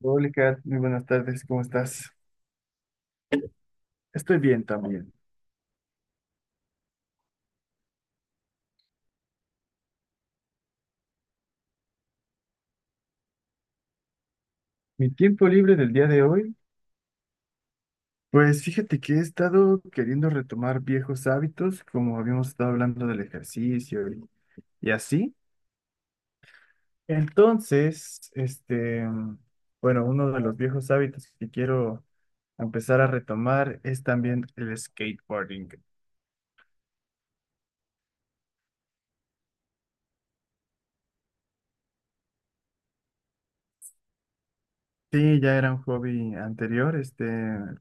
Hola, Kat, muy buenas tardes, ¿cómo estás? Estoy bien también. Mi tiempo libre del día de hoy, pues fíjate que he estado queriendo retomar viejos hábitos, como habíamos estado hablando del ejercicio y así. Entonces, bueno, uno de los viejos hábitos que quiero empezar a retomar es también el skateboarding. Sí, ya era un hobby anterior,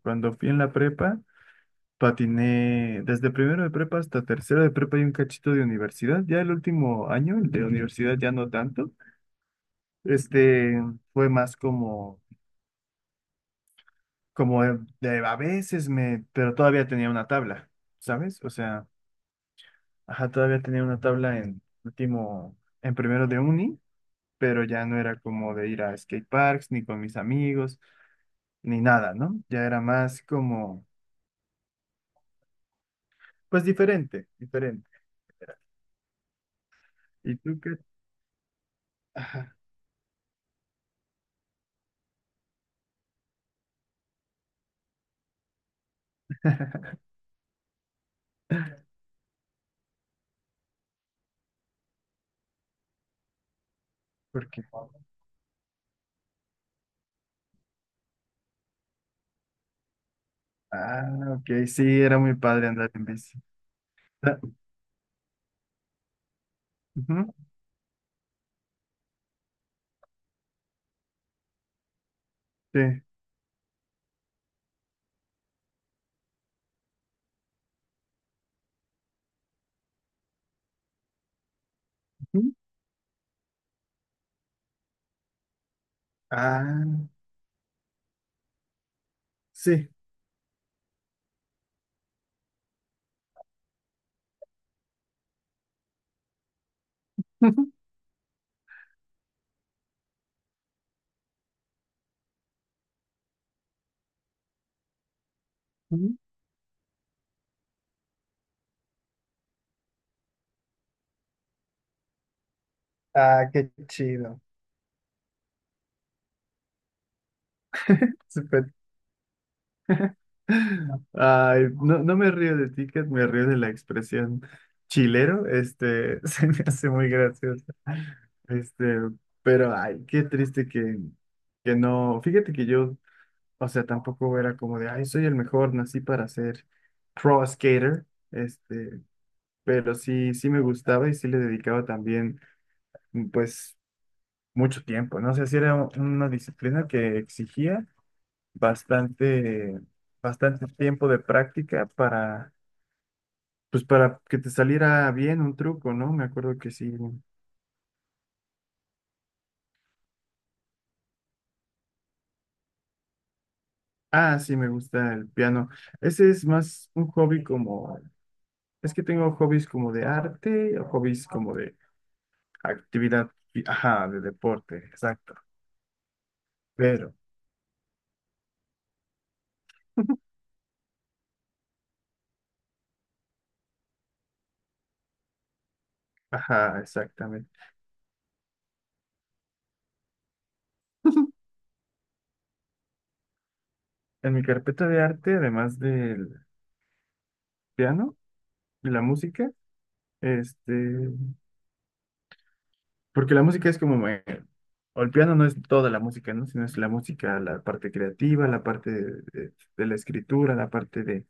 cuando fui en la prepa. Patiné desde primero de prepa hasta tercero de prepa y un cachito de universidad. Ya el último año, el de. Ujú. Universidad ya no tanto. Este fue más como de, a veces me, pero todavía tenía una tabla, ¿sabes? O sea, ajá, todavía tenía una tabla en último, en primero de uni, pero ya no era como de ir a skate parks, ni con mis amigos, ni nada, ¿no? Ya era más como, pues diferente, diferente. ¿Y tú qué? Ajá, ¿por qué? Ah, ok, sí, era muy padre andar en bici. Ah, ujú, sí. Ujú. Ah, sí. Ujú. Ah, qué chido. Súper. Ay, no, no me río de ticket, me río de la expresión chilero. Se me hace muy gracioso. Este, pero ay, qué triste que no. Fíjate que yo, o sea, tampoco era como de, ay, soy el mejor, nací para ser pro skater. Pero sí, sí me gustaba y sí le dedicaba también, pues, mucho tiempo, ¿no? O sea, sí era una disciplina que exigía bastante, bastante tiempo de práctica para, pues, para que te saliera bien un truco, ¿no? Me acuerdo que sí. Ah, sí, me gusta el piano. Ese es más un hobby como, es que tengo hobbies como de arte o hobbies como de actividad, ajá, de deporte, exacto. Pero, ajá, exactamente. En mi carpeta de arte, además del piano y la música, este, porque la música es como, o el piano no es toda la música, ¿no? Sino es la música, la parte creativa, la parte de la escritura, la parte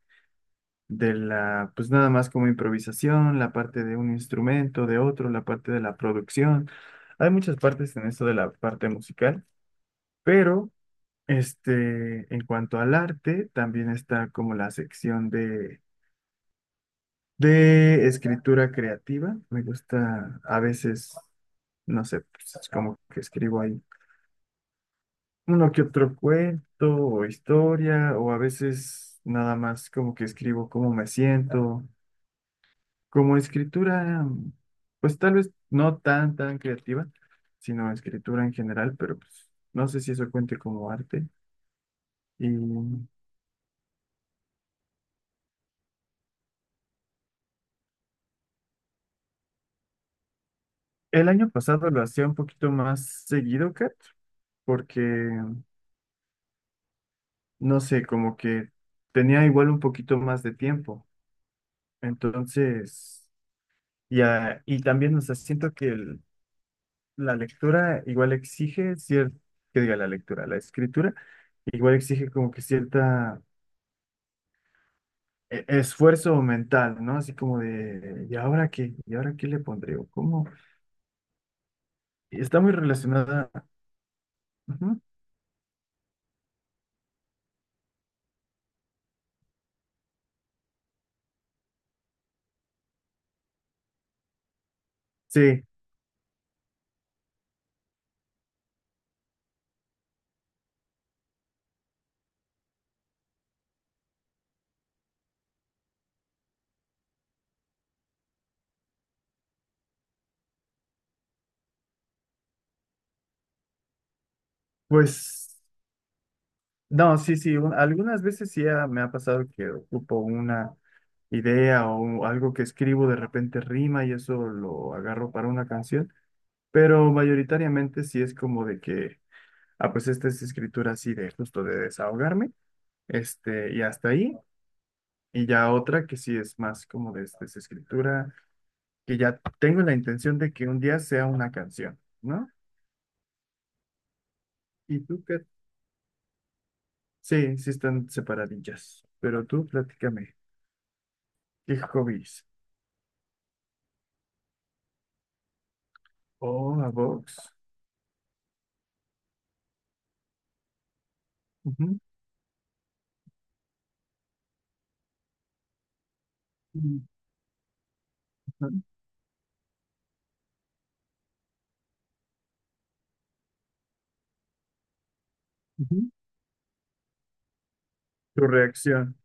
de la, pues nada más como improvisación, la parte de un instrumento, de otro, la parte de la producción. Hay muchas partes en esto de la parte musical, pero en cuanto al arte, también está como la sección de escritura creativa, me gusta a veces, no sé, pues es como que escribo ahí uno que otro cuento o historia, o a veces nada más como que escribo cómo me siento. Como escritura, pues tal vez no tan, tan creativa, sino escritura en general, pero pues no sé si eso cuente como arte. Y el año pasado lo hacía un poquito más seguido, Kat, porque no sé, como que tenía igual un poquito más de tiempo. Entonces, ya, y también, o sea, siento que la lectura igual exige cierto, que diga la lectura, la escritura, igual exige como que cierta esfuerzo mental, ¿no? Así como de, ¿y ahora qué? ¿Y ahora qué le pondré? ¿O cómo? Y está muy relacionada. Ujú. Sí, pues. No, sí, sí, algunas veces sí me ha pasado que ocupo una idea o algo que escribo de repente rima y eso lo agarro para una canción, pero mayoritariamente sí es como de que, ah, pues esta es escritura así de justo de desahogarme, y hasta ahí, y ya otra que sí es más como de esta es escritura, que ya tengo la intención de que un día sea una canción, ¿no? ¿Y tú qué? Sí, sí están separadillas, pero tú platícame, ¿qué hobbies? Oh, la box. Ujú, mm, ajá, ujú. Tu reacción.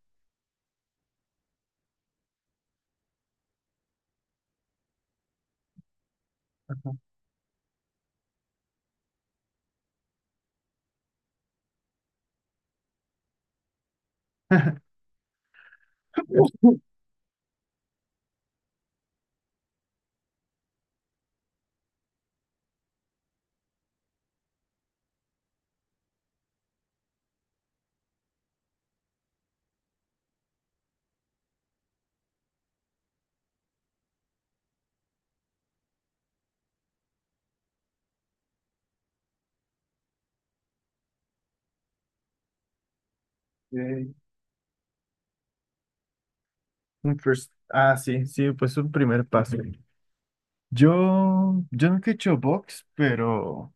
Ajá. Ok. Un first. Ah, sí, sí, pues un primer paso. Ujú. Yo nunca he hecho box, pero,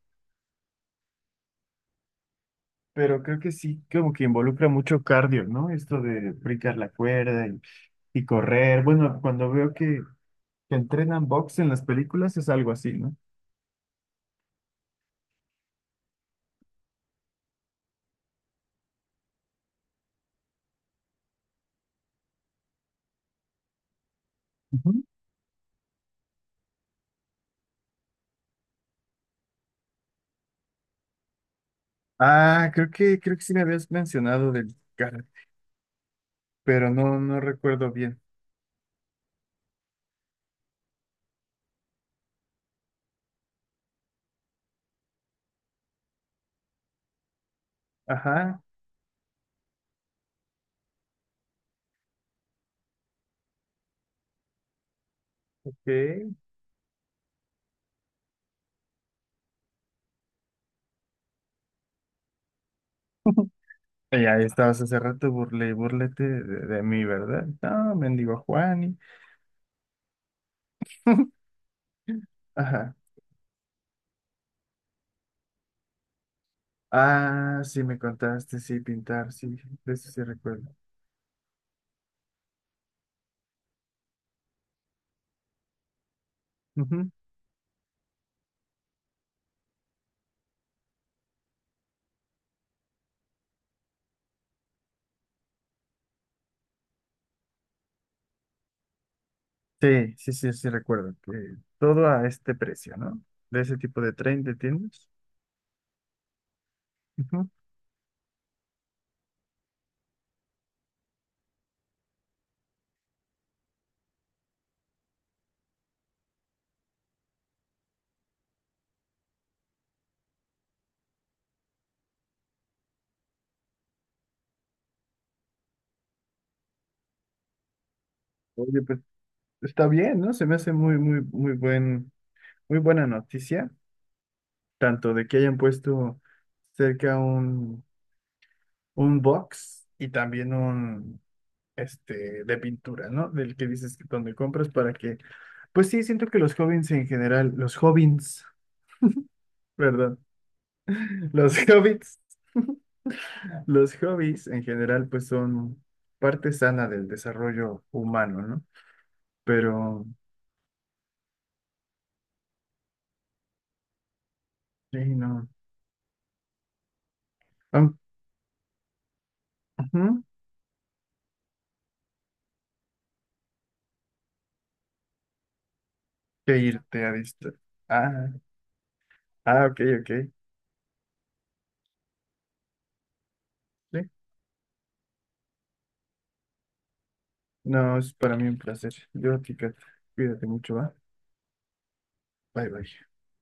pero creo que sí, como que involucra mucho cardio, ¿no? Esto de brincar la cuerda y correr. Bueno, cuando veo que entrenan box en las películas es algo así, ¿no? Ujú. Ah, creo que sí me habías mencionado del karate, pero no, no recuerdo bien. Ajá, ¿qué? Y ahí estabas hace rato, burlete de mí, ¿verdad? No, mendigo Juani. Ajá. Ah, sí me contaste, sí, pintar, sí, de eso sí recuerdo. Ujú. Sí, sí, sí, sí recuerdo que todo a este precio, ¿no? De ese tipo de tren de tiendas. Ujú. Oye, pues está bien, ¿no? Se me hace muy, muy, muy muy buena noticia, tanto de que hayan puesto cerca un box y también un de pintura, ¿no? Del que dices que donde compras para que, pues sí, siento que los jóvenes en general, los hobbies, perdón, los hobbits, los hobbies en general, pues son parte sana del desarrollo humano, ¿no? Pero, sí, no, am- ujú, que irte a distraer. Ah, ah, ok, ok, sí. No, es para mí un placer. Yo, chica, cuídate mucho, ¿va? Bye, bye.